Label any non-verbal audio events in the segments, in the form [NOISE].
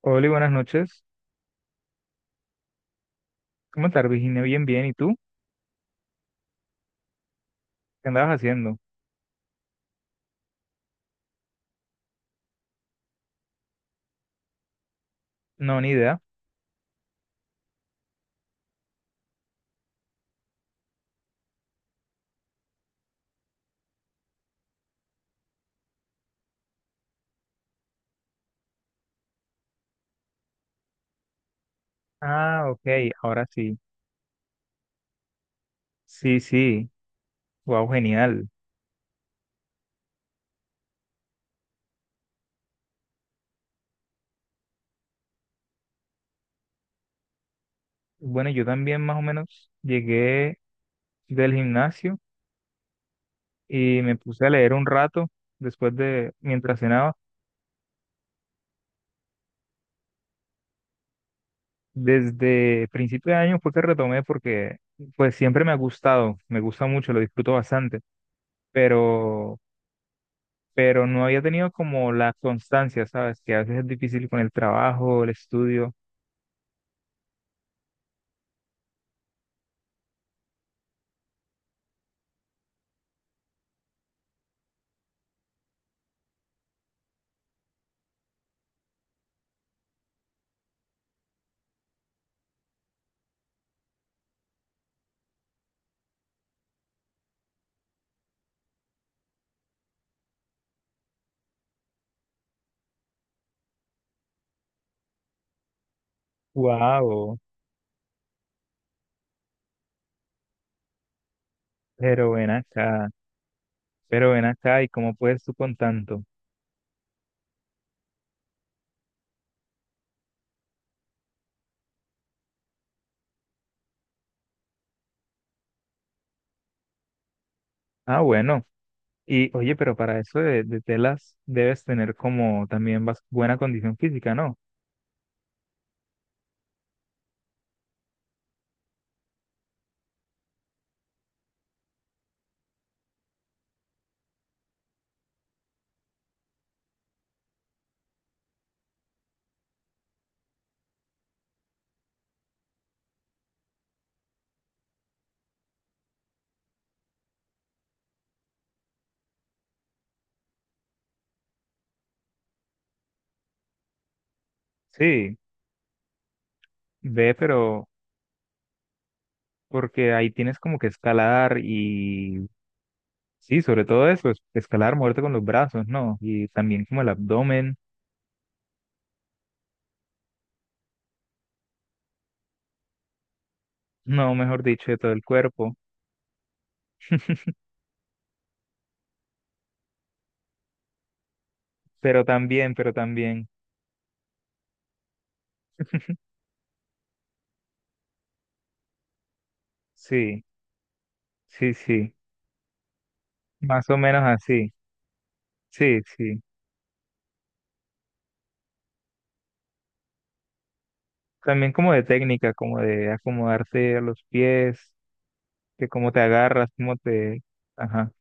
Hola, y buenas noches. ¿Cómo estás, Virginia? Bien, bien. ¿Y tú? ¿Qué andabas haciendo? No, ni idea. Ah, ok, ahora sí. Sí, sí. Wow, genial. Bueno, yo también más o menos llegué del gimnasio y me puse a leer un rato después de, mientras cenaba. Desde principio de año fue que retomé porque pues siempre me ha gustado, me gusta mucho, lo disfruto bastante, pero, pero no había tenido como la constancia, ¿sabes? Que a veces es difícil con el trabajo, el estudio. Wow, pero ven acá, pero ven acá, ¿y cómo puedes tú con tanto? Ah, bueno, y oye, pero para eso de telas debes tener como también buena condición física, ¿no? Sí, ve, pero porque ahí tienes como que escalar y sí, sobre todo eso, escalar, moverte con los brazos, ¿no? Y también como el abdomen, no, mejor dicho, de todo el cuerpo, pero también, sí, sí, sí, más o menos así, sí, sí. También como de técnica, como de acomodarse a los pies, que cómo te agarras, cómo te... Ajá,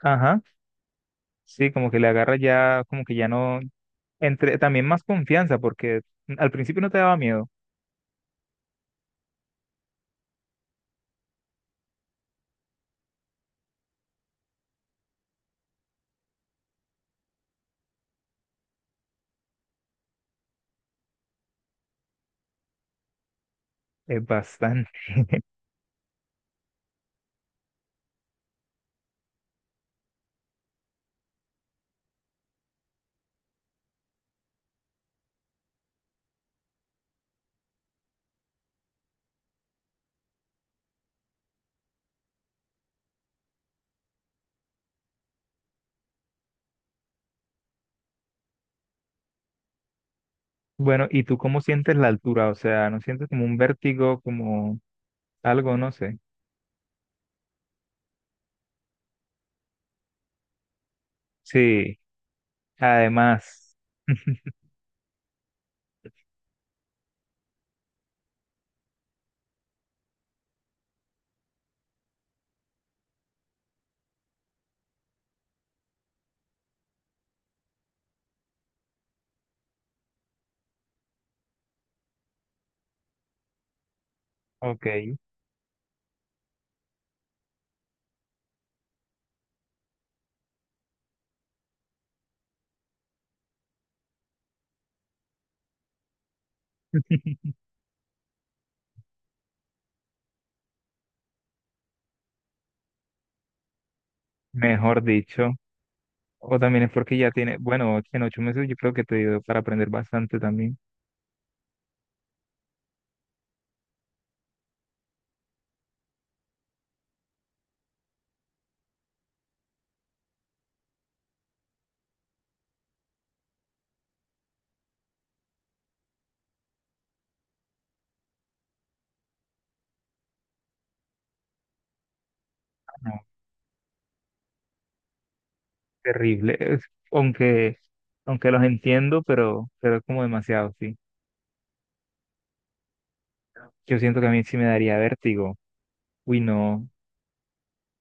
ajá. Sí, como que le agarras ya, como que ya no... Entre, también más confianza, porque al principio no te daba miedo. Es bastante. Bueno, ¿y tú cómo sientes la altura? O sea, ¿no sientes como un vértigo, como algo, no sé? Sí, además, ok, [LAUGHS] mejor dicho. O también es porque ya tiene, bueno, en 8 meses yo creo que te dio para aprender bastante también. Terrible. Aunque, aunque los entiendo, pero es como demasiado, sí. Yo siento que a mí sí me daría vértigo. Uy, no.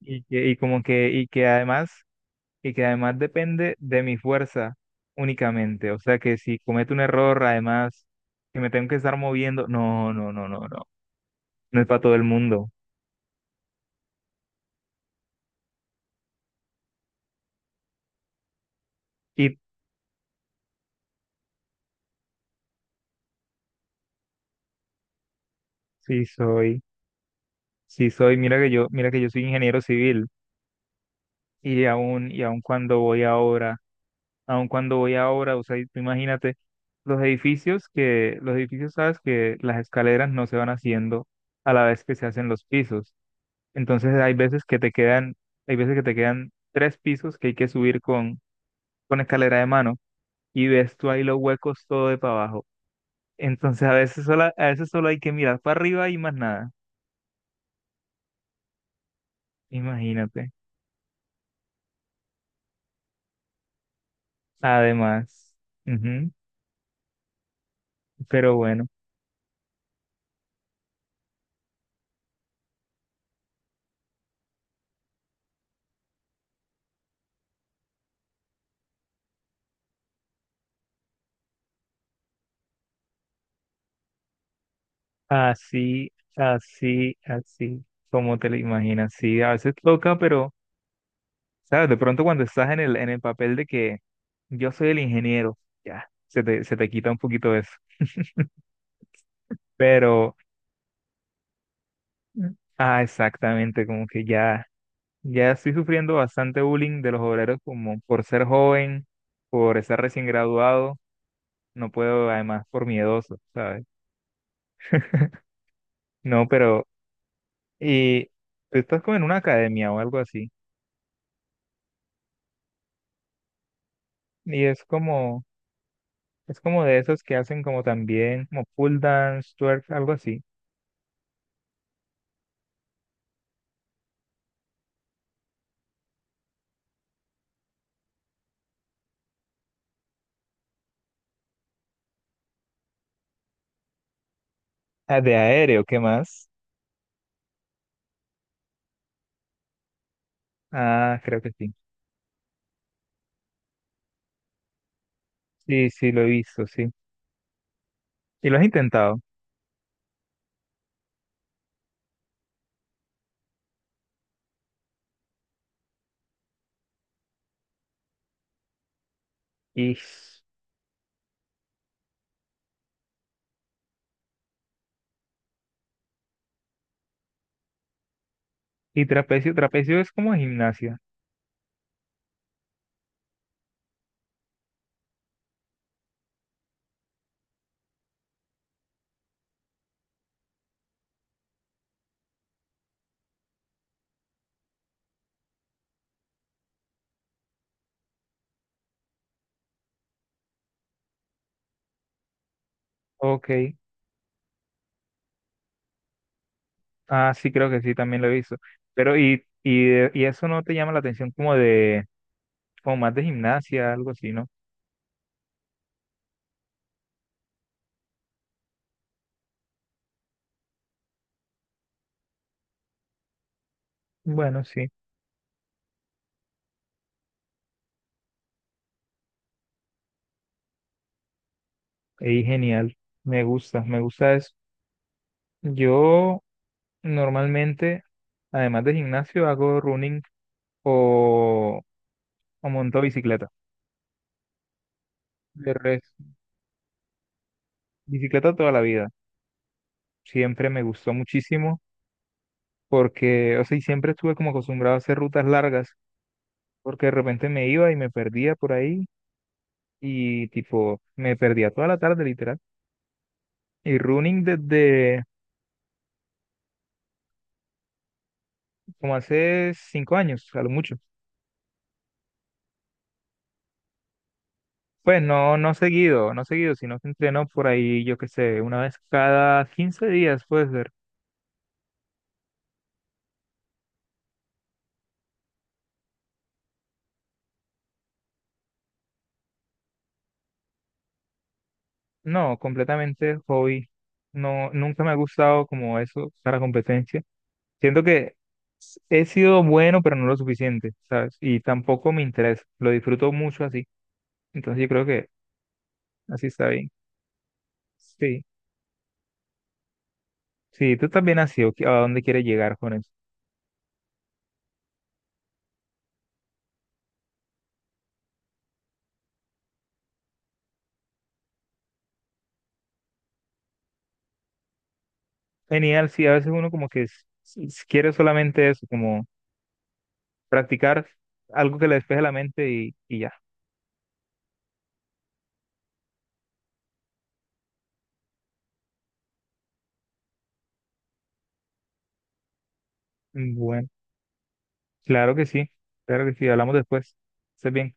Y que, y como que, y que además depende de mi fuerza únicamente. O sea que si cometo un error, además, que me tengo que estar moviendo, no, no, no, no, no. No es para todo el mundo. Y sí soy, sí soy, mira que yo soy ingeniero civil. Y aún, y aún cuando voy a obra, o sea, y tú imagínate, los edificios, sabes que las escaleras no se van haciendo a la vez que se hacen los pisos. Entonces hay veces que te quedan, hay veces que te quedan 3 pisos que hay que subir con escalera de mano y ves tú ahí los huecos todo de para abajo. Entonces a veces solo hay que mirar para arriba y más nada. Imagínate. Además. Ujú, pero bueno. Así, así, así, como te lo imaginas. Sí, a veces toca, pero, ¿sabes? De pronto cuando estás en el papel de que yo soy el ingeniero, ya, se te quita un poquito eso. Pero, mm, ah, exactamente, como que ya, ya estoy sufriendo bastante bullying de los obreros como por ser joven, por estar recién graduado, no puedo, además, por miedoso, ¿sabes? No, pero, y tú estás como en una academia o algo así, y es como... Es como de esos que hacen como también, como pull dance, twerk, algo así. Ah, de aéreo, ¿qué más? Ah, creo que sí. Sí, sí, lo he visto, sí. ¿Y lo has intentado? Y, y trapecio, trapecio es como gimnasia. Ok. Ah, sí, creo que sí, también lo he visto. Pero, y eso no te llama la atención como de, como más de gimnasia, algo así, ¿no? Bueno, sí. Y genial. Me gusta eso. Yo normalmente, además de gimnasio, hago running o, o montó bicicleta. De res, bicicleta toda la vida. Siempre me gustó muchísimo porque, o sea, y siempre estuve como acostumbrado a hacer rutas largas porque de repente me iba y me perdía por ahí y tipo, me perdía toda la tarde literal. Y running desde como hace 5 años, a lo mucho. Pues no, no seguido, no seguido, sino que entreno por ahí, yo qué sé, una vez cada 15 días, pues, no, completamente hobby. No, nunca me ha gustado como eso para competencia. Siento que he sido bueno, pero no lo suficiente, ¿sabes? Y tampoco me interesa. Lo disfruto mucho así. Entonces yo creo que así está bien. Sí, sí, tú también has sido ¿a dónde quieres llegar con eso? Genial, sí, a veces uno como que quiere solamente eso, como practicar algo que le despeje la mente y ya. Bueno, claro que sí, claro que sí, hablamos después. Estés bien.